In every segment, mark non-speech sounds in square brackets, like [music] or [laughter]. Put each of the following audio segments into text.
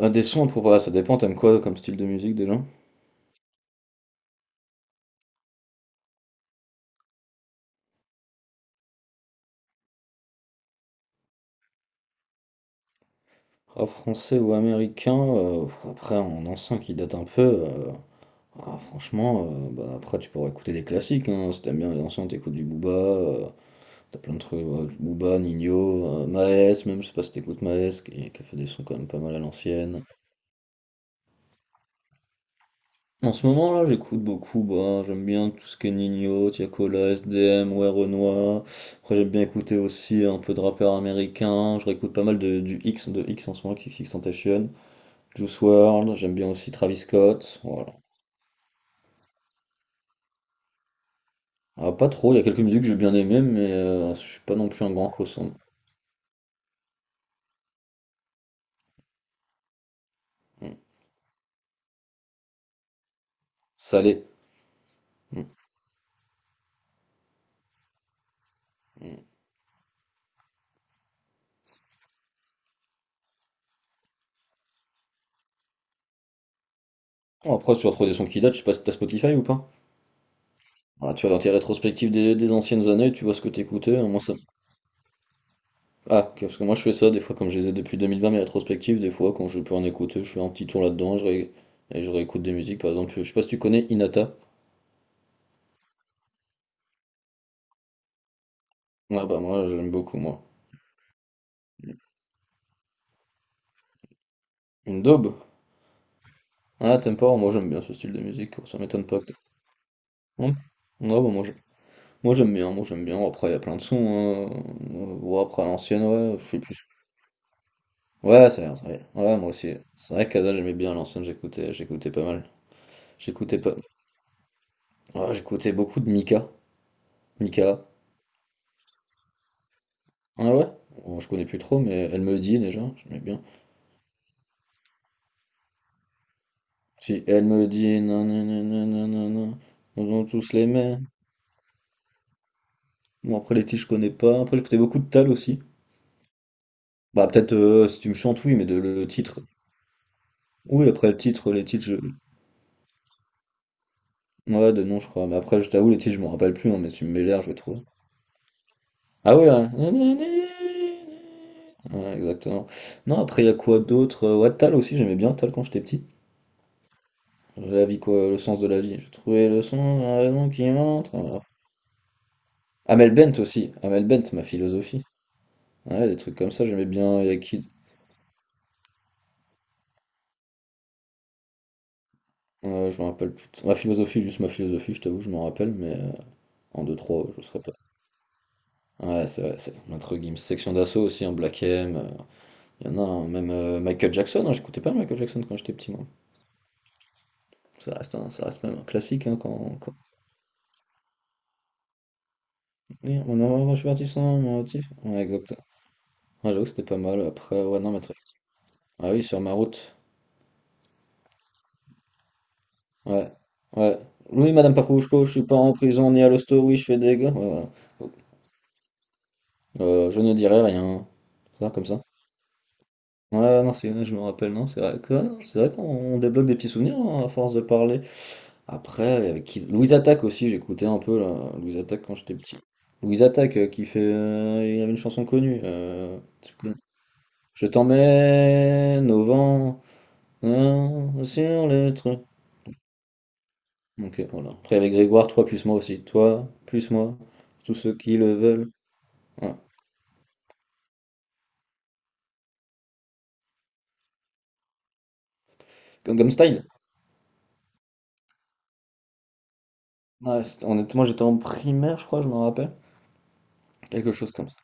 Ah, des sons, pour ouais, ça dépend, t'aimes quoi comme style de musique déjà? Rap français ou américain, après en ancien qui date un peu, ah, franchement, bah, après tu pourrais écouter des classiques, hein, si t'aimes bien les anciens, t'écoutes du Booba, t'as plein de trucs, ouais, Booba, Nino, Maes, même je sais pas si t'écoutes Maes, qui a fait des sons quand même pas mal à l'ancienne. En ce moment là j'écoute beaucoup, bah, j'aime bien tout ce qui est Nino, Tiakola, SDM, ouais Renoir. Après j'aime bien écouter aussi un peu de rappeurs américains, je réécoute pas mal du X, de X en ce moment, XXXTentacion, Juice World. J'aime bien aussi Travis Scott, voilà. Ah, pas trop, il y a quelques musiques que j'ai bien aimées, mais je suis pas non plus un grand cosson. Mm. Salé. Mm. Mm. Bon, après tu vas trouver des sons qui datent, je sais pas si t'as Spotify ou pas. Voilà, tu vas dans tes rétrospectives des anciennes années, tu vois ce que t'écoutais, moi ça. Ah, ok, parce que moi je fais ça des fois, comme je les ai depuis 2020, mes rétrospectives, des fois quand je peux en écouter, je fais un petit tour là-dedans et je réécoute des musiques. Par exemple, je sais pas si tu connais Inata. Ah bah moi j'aime beaucoup, moi. Une daube? Ah, t'aimes pas? Moi j'aime bien ce style de musique, ça m'étonne pas Hum. Non, bah moi je- Moi, j'aime bien, moi j'aime bien. Après, il y a plein de sons. Hein. Ouais, après, à l'ancienne, ouais, je suis plus. Ouais, c'est vrai, c'est vrai. Ouais, moi aussi. C'est vrai qu'Ada, j'aimais bien à l'ancienne, j'écoutais pas mal. J'écoutais pas. Ouais, j'écoutais beaucoup de Mika. Mika. Ah ouais? Bon, je connais plus trop, mais elle me dit déjà, j'aimais bien. Si elle me dit non, non, non, non, non, non, non, nous avons tous les mêmes. Bon, après les titres, je connais pas. Après, j'écoutais beaucoup de Tal aussi. Bah, peut-être si tu me chantes, oui, mais de, le titre. Oui, après le titre, les titres, je. Ouais, de nom, je crois. Mais après, je t'avoue, les titres, je me rappelle plus, hein, mais si tu me mets l'air, je vais trouver. Ah ouais, hein. Ouais, exactement. Non, après, il y a quoi d'autre? Ouais, Tal aussi, j'aimais bien Tal quand j'étais petit. La vie, quoi, le sens de la vie. J'ai trouvé le sens, la raison qui entre. Amel Bent aussi, Amel Bent, ma philosophie. Ouais, des trucs comme ça, j'aimais bien. Il y a qui je me rappelle plus. Ma philosophie, juste ma philosophie, je t'avoue, je m'en rappelle, mais en deux trois, je serais pas. Ouais, c'est vrai, c'est entre guillemets, Section d'assaut aussi, en Black M. Il y en a un, même Michael Jackson. Hein, j'écoutais pas Michael Jackson quand j'étais petit, moi. Ça reste, un, ça reste même un classique, hein, quand, quand... Oui, on a- je suis parti sans mon motif. Ouais, exact. Ouais, j'avoue que c'était pas mal. Après, ouais, non, mais très. Ah oui, sur ma route. Ouais, ouais. Oui, Madame Pakrouchko, je suis pas en prison ni à l'hosto, oui, je fais des gars. Ouais, voilà. Je ne dirai rien. Ça, comme ça. Ouais, ouais, non, c'est- je me rappelle, non, c'est vrai que- ouais, non, c'est vrai qu'on débloque des petits souvenirs hein, à force de parler. Après, avec qui... Louise Attaque aussi, j'écoutais un peu là, Louise Attaque quand j'étais petit. Louise Attaque qui fait. Il y avait une chanson connue. Tu connais. Je t'emmène au vent, hein, sur les trucs. Ok, voilà. Après, avec Grégoire, toi plus moi aussi. Toi plus moi, tous ceux qui le veulent. Voilà. Comme style. Ouais, honnêtement, j'étais en primaire, je crois, je me rappelle. Quelque chose comme ça.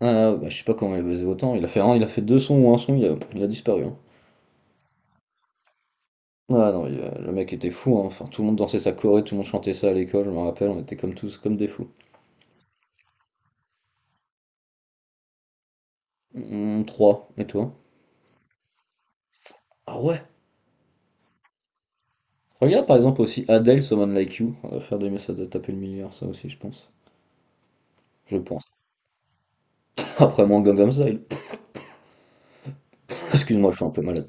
Ah, ah, bah, je sais pas comment il a baisé autant. Il a fait un, il a fait deux sons ou un son, il a disparu. Hein. Ah non, il a- le mec était fou. Hein. Enfin, tout le monde dansait sa choré, tout le monde chantait ça à l'école. Je me rappelle, on était comme tous, comme des fous. Trois. Et toi? Ah ouais. Regarde par exemple aussi Adele, Someone Like You. On va faire des messages de taper le milliard, ça aussi, je pense. Je pense. [laughs] Après mon Gangnam Style. [laughs] Excuse-moi, je suis un peu malade.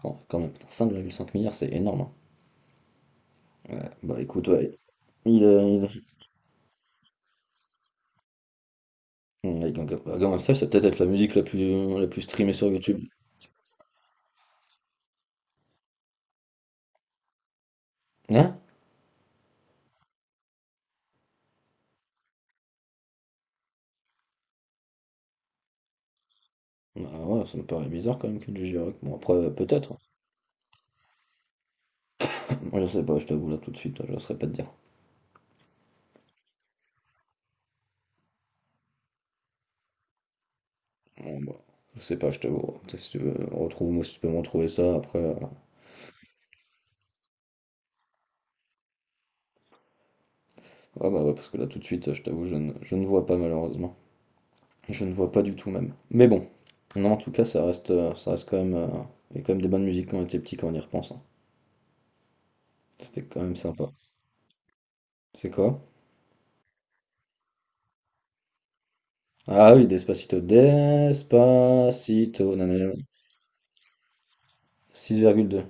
Quand quand même, putain, cinq virgule cinq milliards, c'est énorme. Hein. Bah écoute, ouais. Il, a- il, ouais, Gangnam, bah, Gangnam Style, ça va peut-être être la musique la plus streamée sur YouTube. Hein? Ah ouais, ça me paraît bizarre quand même que Gigi Rock. Bon après peut-être. [laughs] Moi je sais pas, je t'avoue là tout de suite, là, je saurais pas te dire. Bon, bah, je sais pas, je t'avoue. Peut-être si tu veux, retrouve-moi si tu peux me retrouver ça après. Ah bah ouais, parce que là tout de suite, je t'avoue, je ne vois pas malheureusement. Je ne vois pas du tout même. Mais bon. Non, en tout cas, ça reste quand même, il y a quand même des bonnes musiques quand on était petit quand on y repense. Hein. C'était quand même sympa. C'est quoi? Ah oui, Despacito. Despacito. Nanana. Six virgule deux.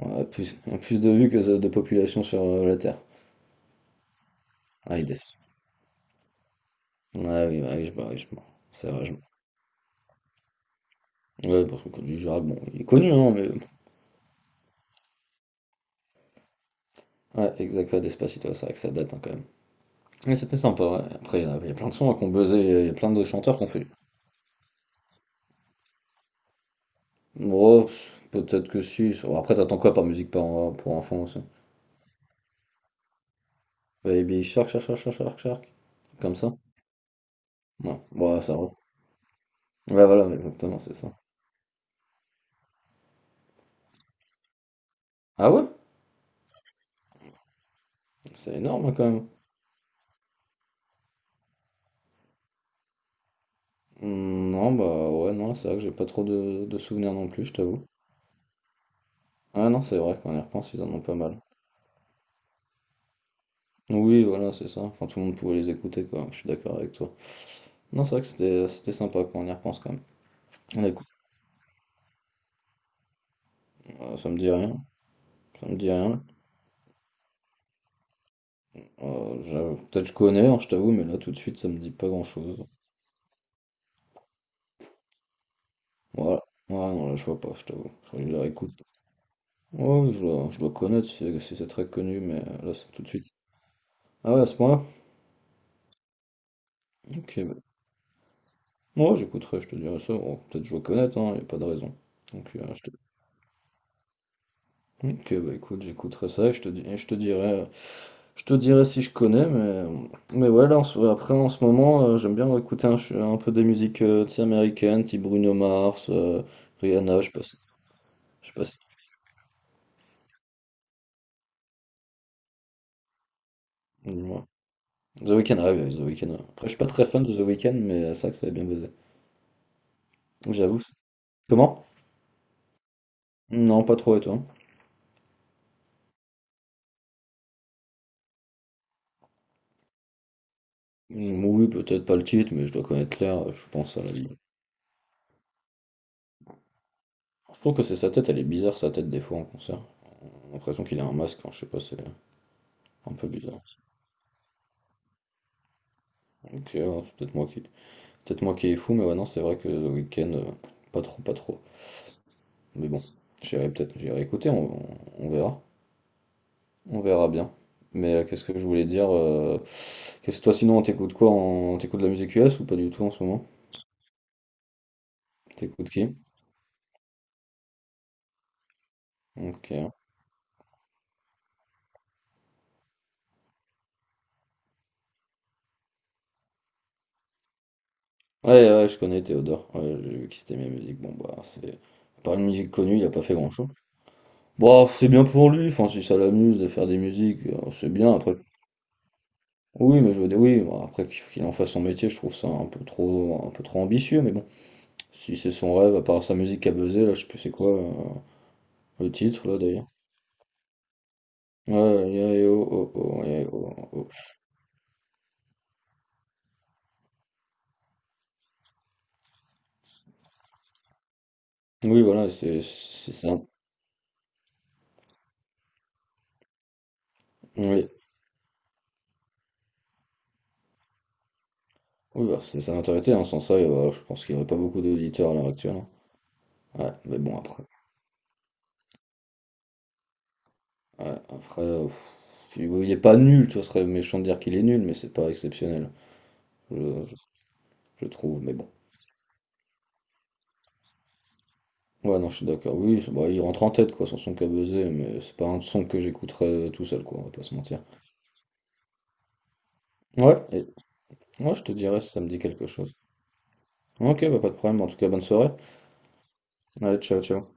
Ouais, plus, plus de vues que de population sur la Terre. Ah, il descend. Ah oui, bah oui, je m'en- C'est vrai, je m'en- ouais, parce que quand du Girac, bon, il est connu, hein, mais. Ouais, exact, ouais, Despacito, c'est vrai que ça date, hein, quand même. Mais c'était sympa, ouais. Après, il y a plein de sons hein, qu'on buzzait, il y a plein de chanteurs qu'on fait. Oh, pff, peut-être que si. Après, t'attends quoi par musique pour enfants aussi? Baby Shark, Shark, Shark, Shark, Shark, Shark. Comme ça? Non, ouais, ça va. Ouais, voilà, exactement, c'est ça. Ah ouais? C'est énorme, hein, quand même. Hmm, non, bah ouais, non, c'est vrai que j'ai pas trop de souvenirs non plus, je t'avoue. Ah non, c'est vrai, quand on y repense, ils en ont pas mal. Oui, voilà, c'est ça. Enfin, tout le monde pouvait les écouter, quoi. Je suis d'accord avec toi. Non, c'est vrai que c'était sympa quand on y repense quand même. On écoute, ça me dit rien. Ça me dit rien. Peut-être je connais, hein, je t'avoue, mais là tout de suite ça me dit pas grand-chose. Voilà. Ouais, non, là je vois pas, je t'avoue. Je la réécoute. Ouais, ouais, je dois connaître si, si c'est très connu, mais là c'est tout de suite. Ah ouais, à ce point-là? Ok, bah. Ouais, j'écouterai, je te dirai ça. Bon, peut-être je dois connaître, hein, y a pas de raison. Donc, euh, je te... Ok, bah écoute, j'écouterai ça et je te dirai. Je te dirai si je connais, mais ouais, après, en ce moment, j'aime bien écouter un peu des musiques tu sais, américaines, type Bruno Mars, Rihanna, je sais pas si. Je sais pas si- dis-moi. The Weeknd, ah oui, The Weeknd. Ouais. Après, je suis pas très fan de The Weeknd, mais c'est vrai que ça avait bien buzzé. J'avoue. c'est- Comment? Non, pas trop, et toi? Mm, oui, peut-être pas le titre, mais je dois connaître l'air, je pense à la vie. Je trouve que c'est sa tête, elle est bizarre, sa tête, des fois, en concert. J'ai l'impression qu'il a un masque, hein, je sais pas, c'est un peu bizarre. Ok, ouais, c'est peut-être moi qui. Peut-être moi qui est fou, mais ouais, non, c'est vrai que le week-end, pas trop, pas trop. Mais bon, j'irai peut-être, j'irai écouter, on verra. On verra bien. Mais qu'est-ce que je voulais dire qu'est-ce toi, sinon, on t'écoute quoi? On t'écoute de la musique US ou pas du tout en ce moment? T'écoutes qui? Ok. Ouais, ouais, je connais Théodore. Ouais, j'ai vu qu'il s'était mis à la musique. Bon, bah, c'est. À part une musique connue, il a pas fait grand-chose. Bon, c'est bien pour lui. Enfin, si ça l'amuse de faire des musiques, c'est bien. Après, oui, mais je veux dire, oui, bon, après qu'il en fasse son métier, je trouve ça un peu trop ambitieux, mais bon. Si c'est son rêve, à part sa musique à buzzer, là, je sais plus c'est quoi le titre, là, d'ailleurs. Ouais, yeah, yeah, oh, oh, oh, yeah, oh, oh. Oui, voilà, c'est ça. Oui, oui bah, c'est sa notoriété, hein. Sans ça, voilà, je pense qu'il n'y aurait pas beaucoup d'auditeurs à l'heure actuelle. Hein. Ouais, mais bon, après. Ouais, après, pff, puis, bon, il est pas nul, tu vois, ce serait méchant de dire qu'il est nul, mais c'est pas exceptionnel, je, je- je trouve, mais bon. Ouais, non, je suis d'accord. Bah, il rentre en tête, quoi, son son qu'a buzzé, mais c'est pas un son que j'écouterais tout seul, quoi, on va pas se mentir. Ouais, et, ouais, je te dirais si ça me dit quelque chose. Ok, bah, pas de problème. En tout cas, bonne soirée. Allez, ciao, ciao.